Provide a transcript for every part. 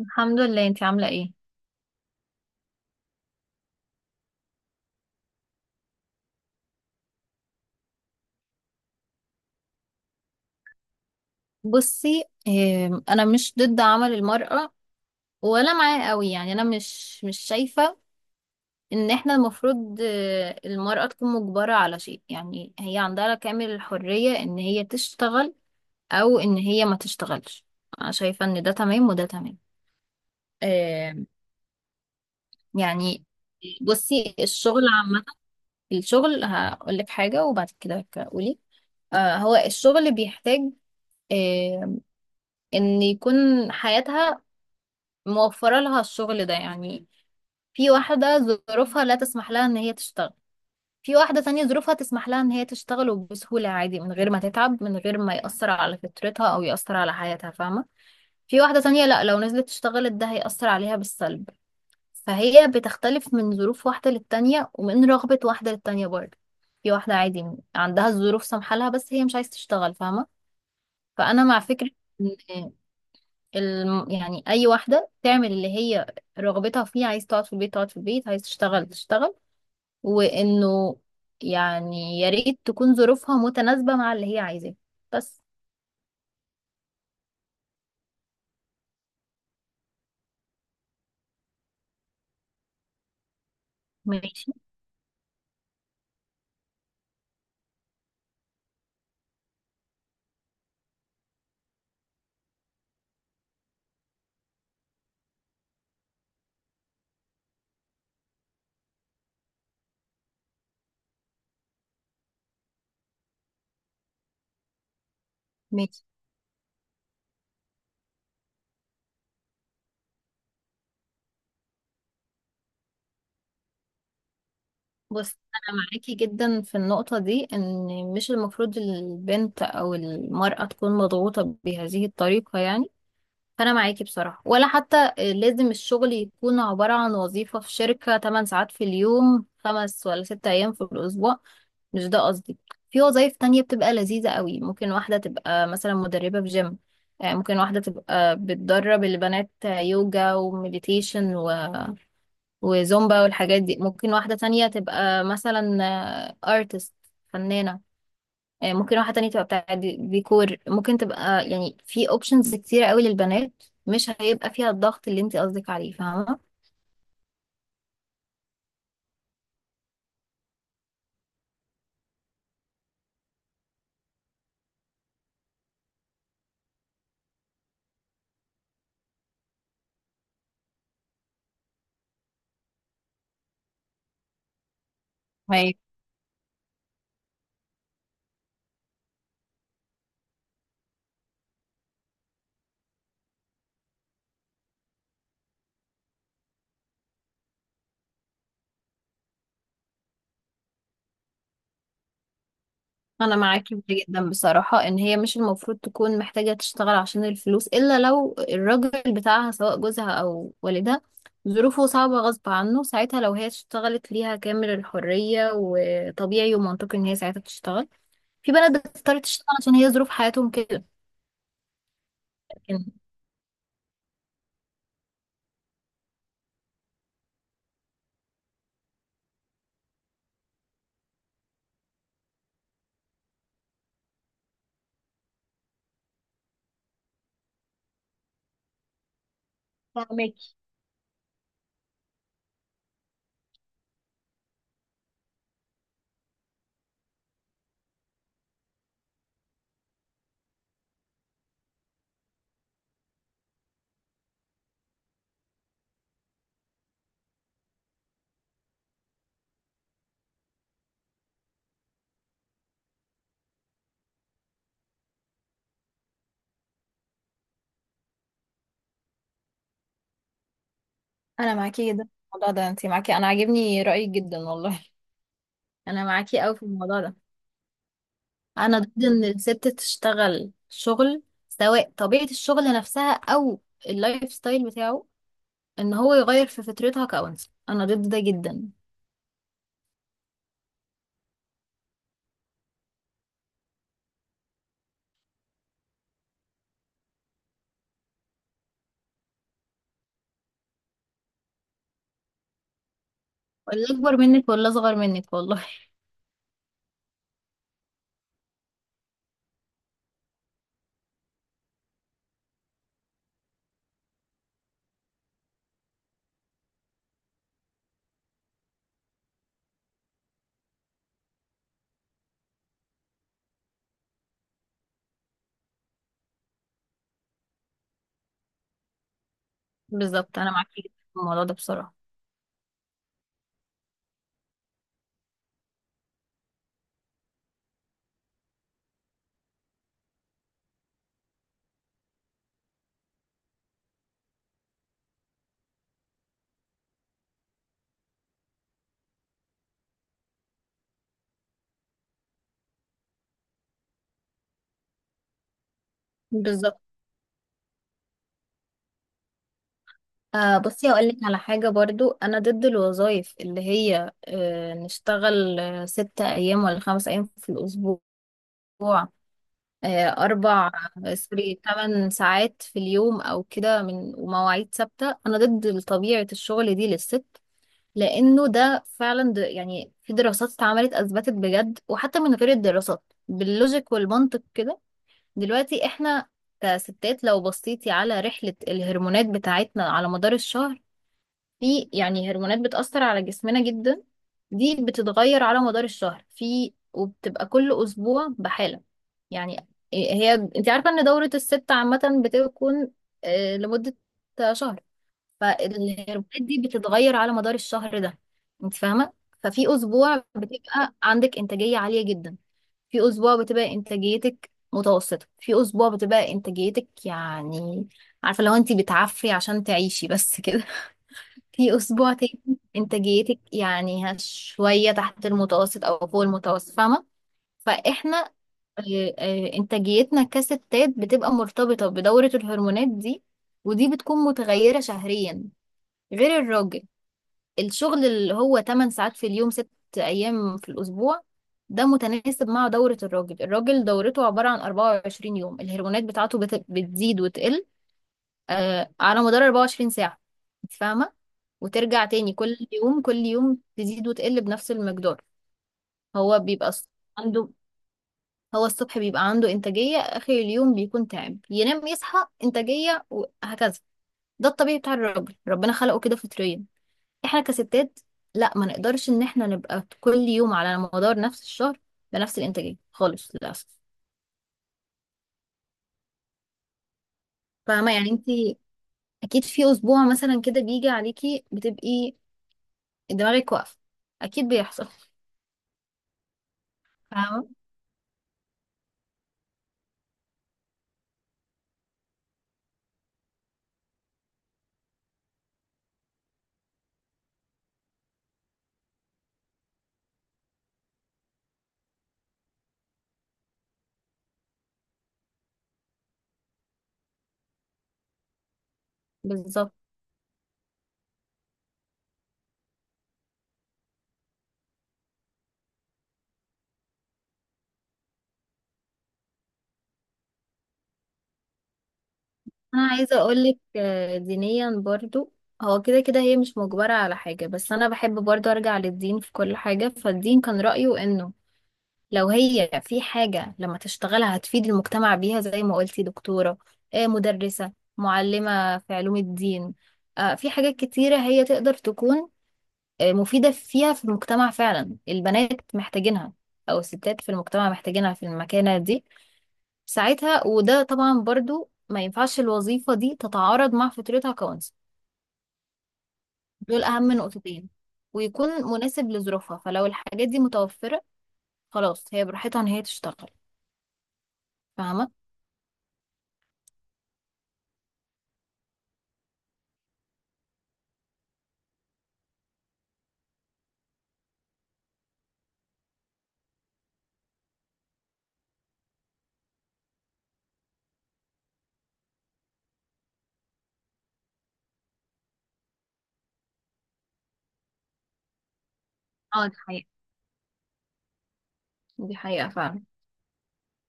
الحمد لله. انتي عاملة ايه؟ بصي، انا مش ضد عمل المرأة ولا معاه قوي. يعني انا مش شايفة ان احنا المفروض المرأة تكون مجبرة على شيء. يعني هي عندها كامل الحرية ان هي تشتغل او ان هي ما تشتغلش. انا شايفة ان ده تمام وده تمام. ام، يعني بصي الشغل عامة، الشغل هقولك حاجة وبعد كده قولي. اه، هو الشغل بيحتاج اه، ان يكون حياتها موفرة لها الشغل ده. يعني في واحدة ظروفها لا تسمح لها ان هي تشتغل، في واحدة تانية ظروفها تسمح لها ان هي تشتغل وبسهولة عادي، من غير ما تتعب، من غير ما يأثر على فطرتها او يأثر على حياتها، فاهمة. في واحدة تانية لا، لو نزلت اشتغلت ده هيأثر عليها بالسلب. فهي بتختلف من ظروف واحدة للتانية ومن رغبة واحدة للتانية برضه. في واحدة عادي عندها الظروف سامحة لها، بس هي مش عايزة تشتغل، فاهمة. فأنا مع فكرة إن الم... يعني اي واحده تعمل اللي هي رغبتها فيه. عايز تقعد في البيت تقعد في البيت، عايز تشتغل تشتغل. وانه يعني يا ريت تكون ظروفها متناسبه مع اللي هي عايزاه بس. ماشي. ماشي. بص انا معاكي جدا في النقطه دي، ان مش المفروض البنت او المراه تكون مضغوطه بهذه الطريقه. يعني فانا معاكي بصراحه. ولا حتى لازم الشغل يكون عباره عن وظيفه في شركه 8 ساعات في اليوم، خمس ولا ست ايام في الاسبوع. مش ده قصدي. في وظايف تانية بتبقى لذيذة قوي. ممكن واحدة تبقى مثلا مدربة في جيم، ممكن واحدة تبقى بتدرب البنات يوجا ومديتيشن وزومبا والحاجات دي. ممكن واحدة تانية تبقى مثلا ارتست، فنانة. ممكن واحدة تانية تبقى بتاع ديكور. ممكن تبقى يعني في اوبشنز كتير قوي للبنات، مش هيبقى فيها الضغط اللي انت قصدك عليه، فاهمة. انا معاكي في ده جدا بصراحه، ان هي مش المفروض تكون محتاجه تشتغل عشان الفلوس، الا لو الراجل بتاعها، سواء جوزها او والدها، ظروفه صعبه غصب عنه، ساعتها لو هي اشتغلت ليها كامل الحريه، وطبيعي ومنطقي ان هي ساعتها تشتغل. في بنات بتضطر تشتغل عشان هي ظروف حياتهم كده. لكن فاهماكي. انا معاكي جدا في الموضوع ده. انت معاكي، انا عاجبني رايك جدا والله. انا معاكي قوي في الموضوع ده. انا ضد ان الست تشتغل شغل، سواء طبيعة الشغل نفسها او اللايف ستايل بتاعه، ان هو يغير في فطرتها كأنثى. انا ضد ده جدا. ولا اكبر منك ولا اصغر منك والله. بالظبط، انا معاكي جدا في الموضوع ده بصراحة. بالظبط. آه، بصي هقول لك على حاجة برضو. انا ضد الوظائف اللي هي نشتغل ستة ايام ولا خمس ايام في الاسبوع. أربع، سوري، تمن ساعات في اليوم أو كده، من ومواعيد ثابتة. أنا ضد طبيعة الشغل دي للست، لأنه ده فعلا، يعني في دراسات اتعملت أثبتت بجد، وحتى من غير الدراسات باللوجيك والمنطق كده. دلوقتي إحنا كستات، لو بصيتي على رحلة الهرمونات بتاعتنا على مدار الشهر، في يعني هرمونات بتأثر على جسمنا جدا. دي بتتغير على مدار الشهر، في وبتبقى كل أسبوع بحالة. يعني هي انت عارفة ان دورة الست عامة بتكون لمدة شهر. فالهرمونات دي بتتغير على مدار الشهر ده، انت فاهمة. ففي أسبوع بتبقى عندك إنتاجية عالية جدا، في أسبوع بتبقى إنتاجيتك متوسطة، في أسبوع بتبقى إنتاجيتك يعني، عارفة لو انت بتعفري عشان تعيشي بس كده. في أسبوع تاني إنتاجيتك يعني شوية تحت المتوسط أو فوق المتوسط، فاهمة. فإحنا إنتاجيتنا كستات بتبقى مرتبطة بدورة الهرمونات دي، ودي بتكون متغيرة شهريا. غير الراجل، الشغل اللي هو 8 ساعات في اليوم 6 أيام في الأسبوع، ده متناسب مع دورة الراجل. دورته عبارة عن 24 يوم. الهرمونات بتاعته بتزيد وتقل على مدار 24 ساعة، انت فاهمة. وترجع تاني، كل يوم كل يوم تزيد وتقل بنفس المقدار. هو بيبقى الص- عنده هو الصبح بيبقى عنده إنتاجية، آخر اليوم بيكون تعب، ينام يصحى إنتاجية، وهكذا. ده الطبيعي بتاع الراجل، ربنا خلقه كده فطريا. احنا كستات لا، ما نقدرش ان احنا نبقى كل يوم على مدار نفس الشهر بنفس الإنتاجية خالص للأسف. فاهمة يعني انت، أكيد في أسبوع مثلا كده بيجي عليكي بتبقي دماغك واقفة، أكيد بيحصل، فاهمة. بالظبط. انا عايزه اقولك، دينيا برضو هو كده كده هي مش مجبره على حاجه. بس انا بحب برضو ارجع للدين في كل حاجه. فالدين كان رايه انه لو هي في حاجه لما تشتغلها هتفيد المجتمع بيها، زي ما قلتي دكتوره، مدرسه، معلمه في علوم الدين. في حاجات كتيره هي تقدر تكون مفيده فيها في المجتمع، فعلا البنات محتاجينها او الستات في المجتمع محتاجينها في المكانه دي ساعتها. وده طبعا برضو ما ينفعش الوظيفة دي تتعارض مع فكرتها كونسل. دول أهم نقطتين، ويكون مناسب لظروفها. فلو الحاجات دي متوفرة، خلاص هي براحتها إن هي تشتغل، فاهمة؟ اه دي حقيقة، دي حقيقة فعلا.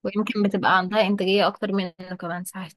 ويمكن بتبقى عندها إنتاجية أكتر منه كمان ساعات.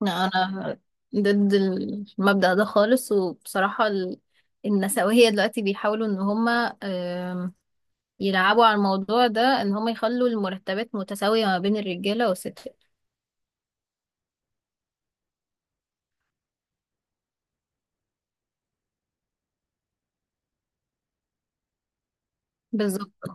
لا أنا ضد المبدأ ده خالص. وبصراحة النسوية دلوقتي بيحاولوا إن هما، يلعبوا على الموضوع ده، إن هما يخلوا المرتبات متساوية ما بين الرجالة والستات. بالظبط.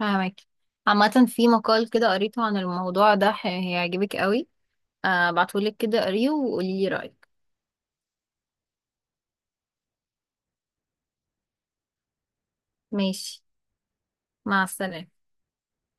فاهمك. عامة في مقال كده قريته عن الموضوع ده، هيعجبك قوي. ابعتهولك كده، قريه وقولي لي رأيك. ماشي. مع السلامة.